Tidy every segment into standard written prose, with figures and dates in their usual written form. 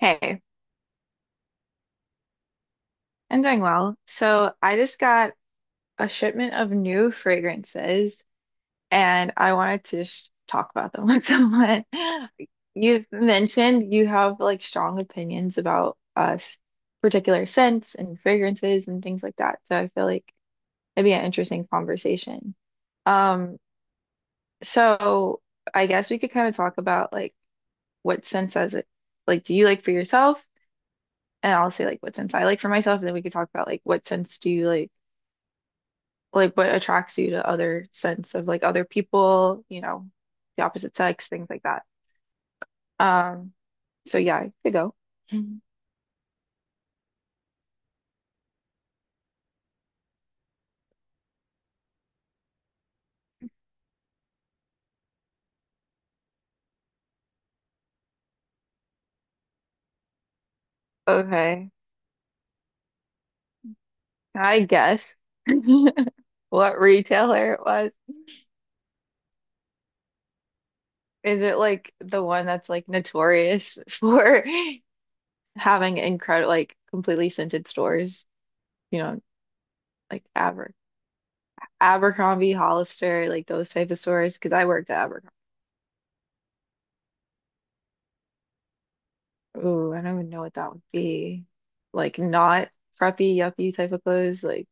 Hey, I'm doing well. So I just got a shipment of new fragrances and I wanted to just talk about them with someone. You've mentioned you have like strong opinions about us particular scents and fragrances and things like that. So I feel like it'd be an interesting conversation. Um, so I guess we could kind of talk about like what scents does it like do you like for yourself? And I'll say like what scents I like for myself, and then we could talk about like what scents do you like what attracts you to other sense of like other people, the opposite sex, things like that. Um, so yeah, I could go. Mhm. Okay, I guess what retailer it was. Is it like the one that's like notorious for having incredible, like completely scented stores? You know, like Abercrombie, Hollister, like those type of stores? Because I worked at Abercrombie. Ooh, I don't even know what that would be. Like not preppy, yuppie type of clothes. Like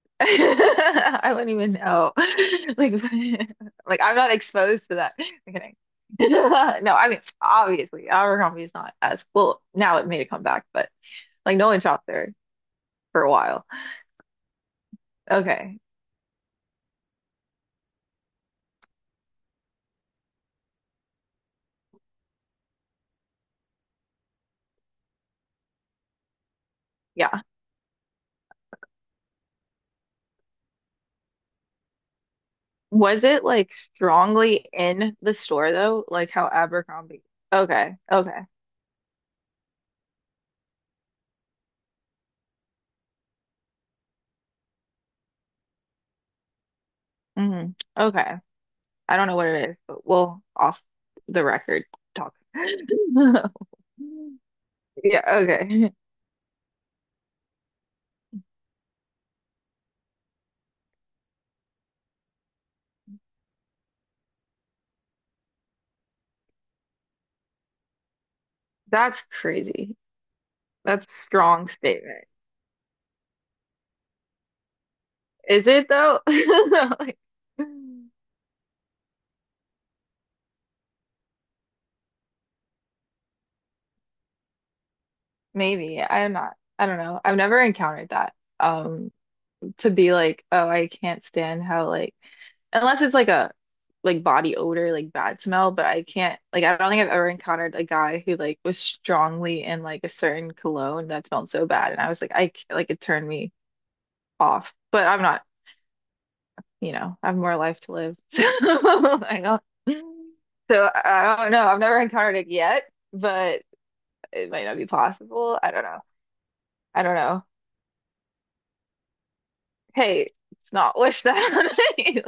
I wouldn't even know. Like like I'm not exposed to that. I'm kidding. No, I mean obviously Abercrombie is not as well now it made a comeback, but like no one shopped there for a while. Okay. Yeah. Was it like strongly in the store though? Like how Abercrombie. Okay. Okay. Hmm. Okay. I don't know what it is, but we'll off the record talk. Yeah, okay. That's crazy. That's strong statement. Is it though? Like, maybe. I'm not. I don't know. I've never encountered that. Um, to be like, oh, I can't stand how like unless it's like a like body odor, like bad smell, but I can't like I don't think I've ever encountered a guy who like was strongly in like a certain cologne that smelled so bad and I was like I c- like it turned me off. But I'm not, I have more life to live. So I don't so I don't know. I've never encountered it yet, but it might not be possible. I don't know. I don't know. Hey, it's not wish that on me.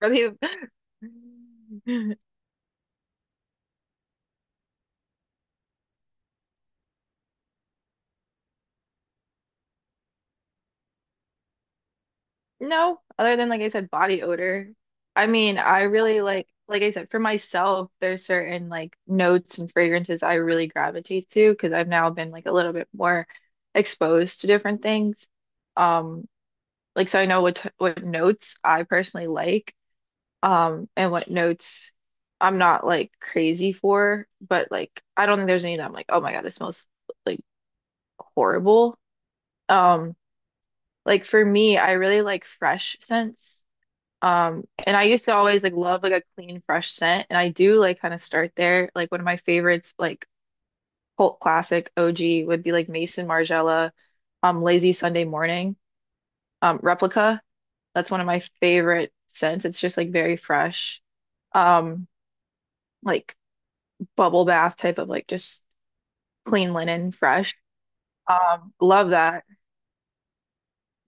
Really. No, other than like I said, body odor. I mean, I really like I said, for myself, there's certain like notes and fragrances I really gravitate to because I've now been like a little bit more exposed to different things. Um, like so I know what t what notes I personally like, and what notes I'm not like crazy for, but like I don't think there's any that I'm like, oh my God, this smells like horrible. Um, like for me, I really like fresh scents. And I used to always like love like a clean, fresh scent, and I do like kind of start there. Like one of my favorites, like cult classic OG, would be like Mason Margiela, Lazy Sunday Morning, Replica. That's one of my favorite scents. It's just like very fresh, um, like bubble bath type of like just clean linen, fresh. Love that.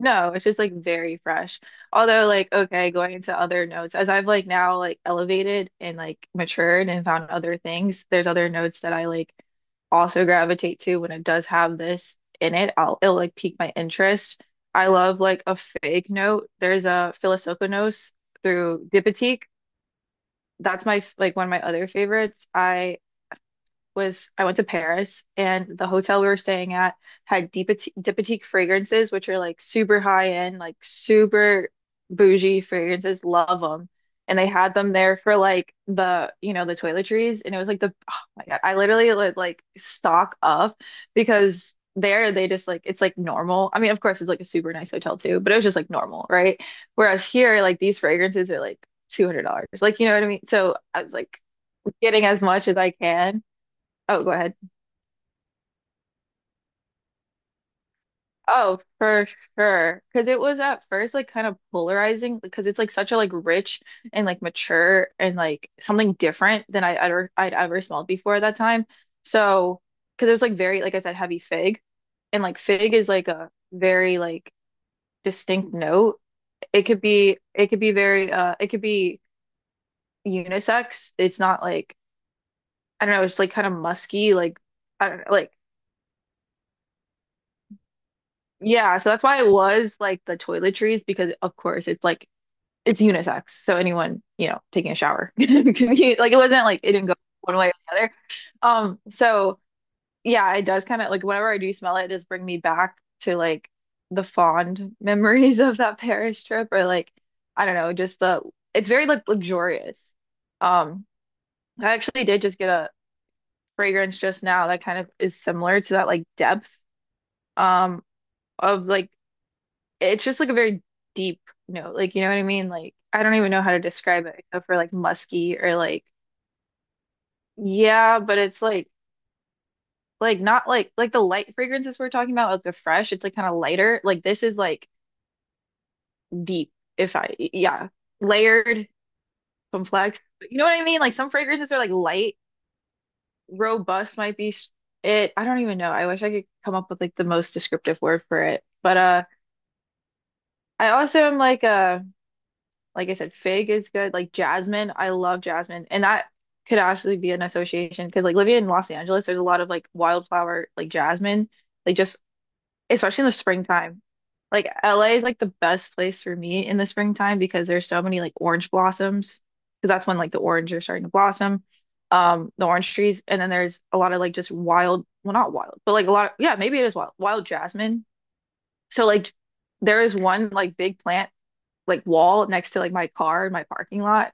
No, it's just like very fresh. Although like okay, going into other notes as I've like now like elevated and like matured and found other things, there's other notes that I like also gravitate to when it does have this in it. I'll It'll like pique my interest. I love like a fake note. There's a Philosophonos through Diptyque. That's my like one of my other favorites. I went to Paris and the hotel we were staying at had Diptyque fragrances, which are like super high end, like super bougie fragrances. Love them. And they had them there for like the, you know, the toiletries. And it was like the, oh my God, I literally would like stock up because there they just like, it's like normal. I mean, of course, it's like a super nice hotel too, but it was just like normal, right? Whereas here, like these fragrances are like $200. Like, you know what I mean? So I was like getting as much as I can. Oh, go ahead. Oh, for sure. Because it was at first like kind of polarizing because it's like such a like rich and like mature and like something different than I'd ever smelled before at that time. So because it was like very like I said heavy fig, and like fig is like a very like distinct note. It could be very it could be unisex. It's not like I don't know. It's like kind of musky like I don't know like yeah. So that's why it was like the toiletries because of course it's like it's unisex, so anyone, you know, taking a shower. Like it wasn't like it didn't go one way or the other. So yeah, it does kind of like whenever I do smell it, it does bring me back to like the fond memories of that Paris trip or like I don't know, just the it's very like luxurious. Um, I actually did just get a fragrance just now that kind of is similar to that like depth um of like it's just like a very deep note. Like, you know what I mean? Like, I don't even know how to describe it except for like musky or like, yeah, but it's like not like, like the light fragrances we're talking about, like the fresh, it's like kind of lighter. Like this is like deep, if I, yeah, layered, complex. But you know what I mean? Like some fragrances are like light, robust might be it. I don't even know. I wish I could come up with like the most descriptive word for it. But, I also am like, like I said, fig is good. Like jasmine, I love jasmine. And that could actually be an association because like living in Los Angeles, there's a lot of like wildflower, like jasmine, like just especially in the springtime. Like LA is like the best place for me in the springtime because there's so many like orange blossoms because that's when like the orange are starting to blossom. The orange trees, and then there's a lot of like just wild, well, not wild, but like a lot of, yeah, maybe it is wild, jasmine. So like there is one like big plant like wall next to like my car in my parking lot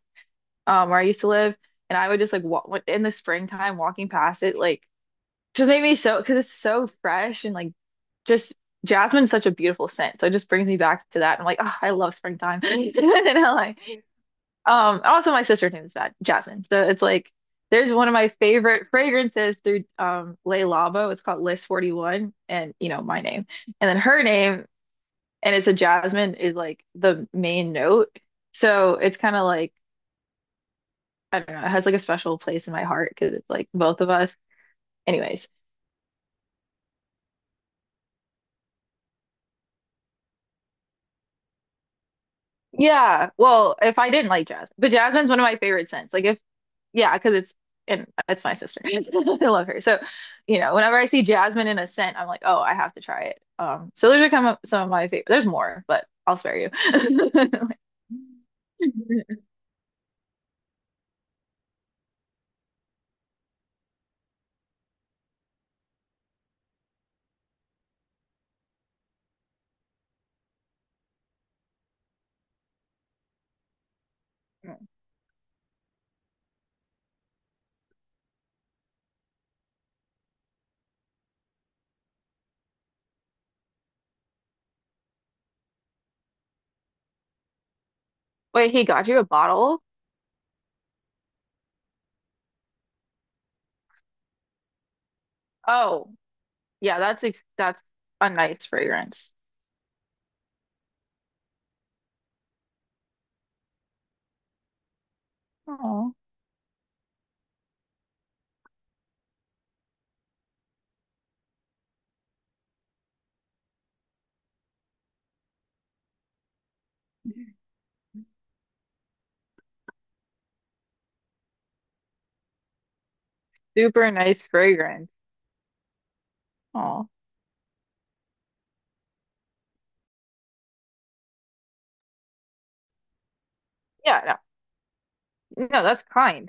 where I used to live and I would just like walk in the springtime walking past it like just made me so because it's so fresh and like just jasmine's such a beautiful scent so it just brings me back to that. I'm like oh, I love springtime in LA. Also my sister's name is that Jasmine so it's like there's one of my favorite fragrances through Le Labo. It's called List 41 and you know my name and then her name and it's a jasmine is like the main note. So it's kind of like I don't know, it has like a special place in my heart because it's like both of us. Anyways, yeah. Well, if I didn't like jasmine, but jasmine's one of my favorite scents. Like if yeah, because it's and it's my sister. I love her. So, you know, whenever I see jasmine in a scent, I'm like, oh, I have to try it. So those are kind of some of my favorite. There's more, but I'll spare you. Wait, he got you a bottle? Oh, yeah, that's ex that's a nice fragrance. Oh, super nice fragrance. Oh, yeah, no, no, that's kind.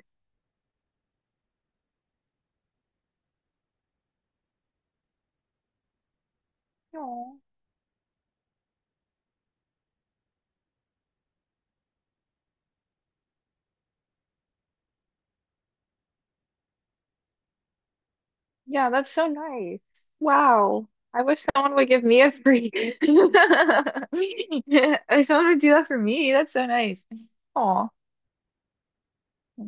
Oh, yeah, that's so nice. Wow, I wish someone would give me a free. I wish someone would do that for me. That's so nice. Oh, I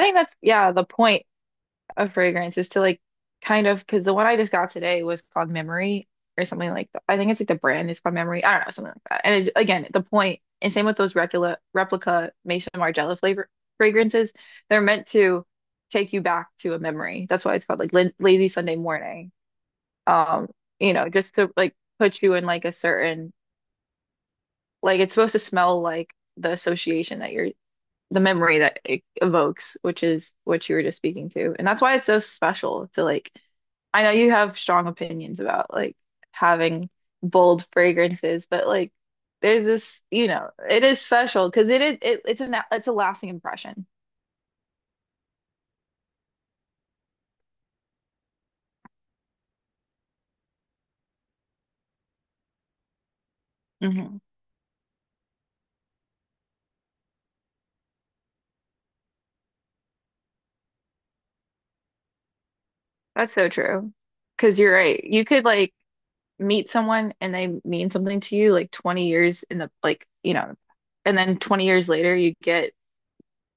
think that's yeah the point. A fragrance is to like kind of because the one I just got today was called Memory or something like that. I think it's like the brand is called Memory. I don't know, something like that. And it, again, the point, and same with those replica Maison Margiela flavor fragrances, they're meant to take you back to a memory. That's why it's called like Lin Lazy Sunday Morning. Um, you know, just to like put you in like a certain like it's supposed to smell like the association that you're the memory that it evokes, which is what you were just speaking to. And that's why it's so special to like I know you have strong opinions about like having bold fragrances, but like there's this, you know, it is special because it, it's a lasting impression. Hmm. That's so true. Because you're right. You could like meet someone and they mean something to you like 20 years in the like, you know, and then 20 years later you get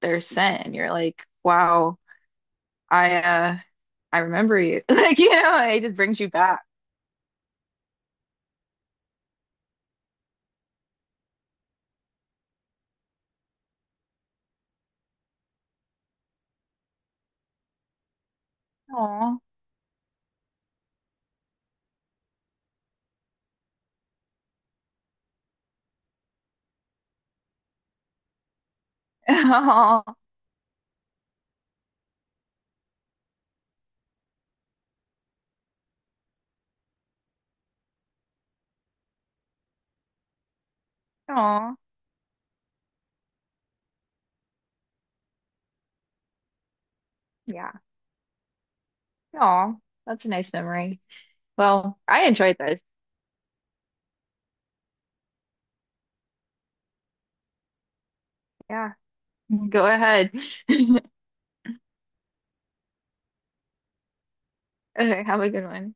their scent and you're like, wow, I uh I remember you. Like, you know, it just brings you back. Aw. Aw. Aw. Yeah. Aw, that's a nice memory. Well, I enjoyed this. Yeah, go ahead. Okay, have a good one.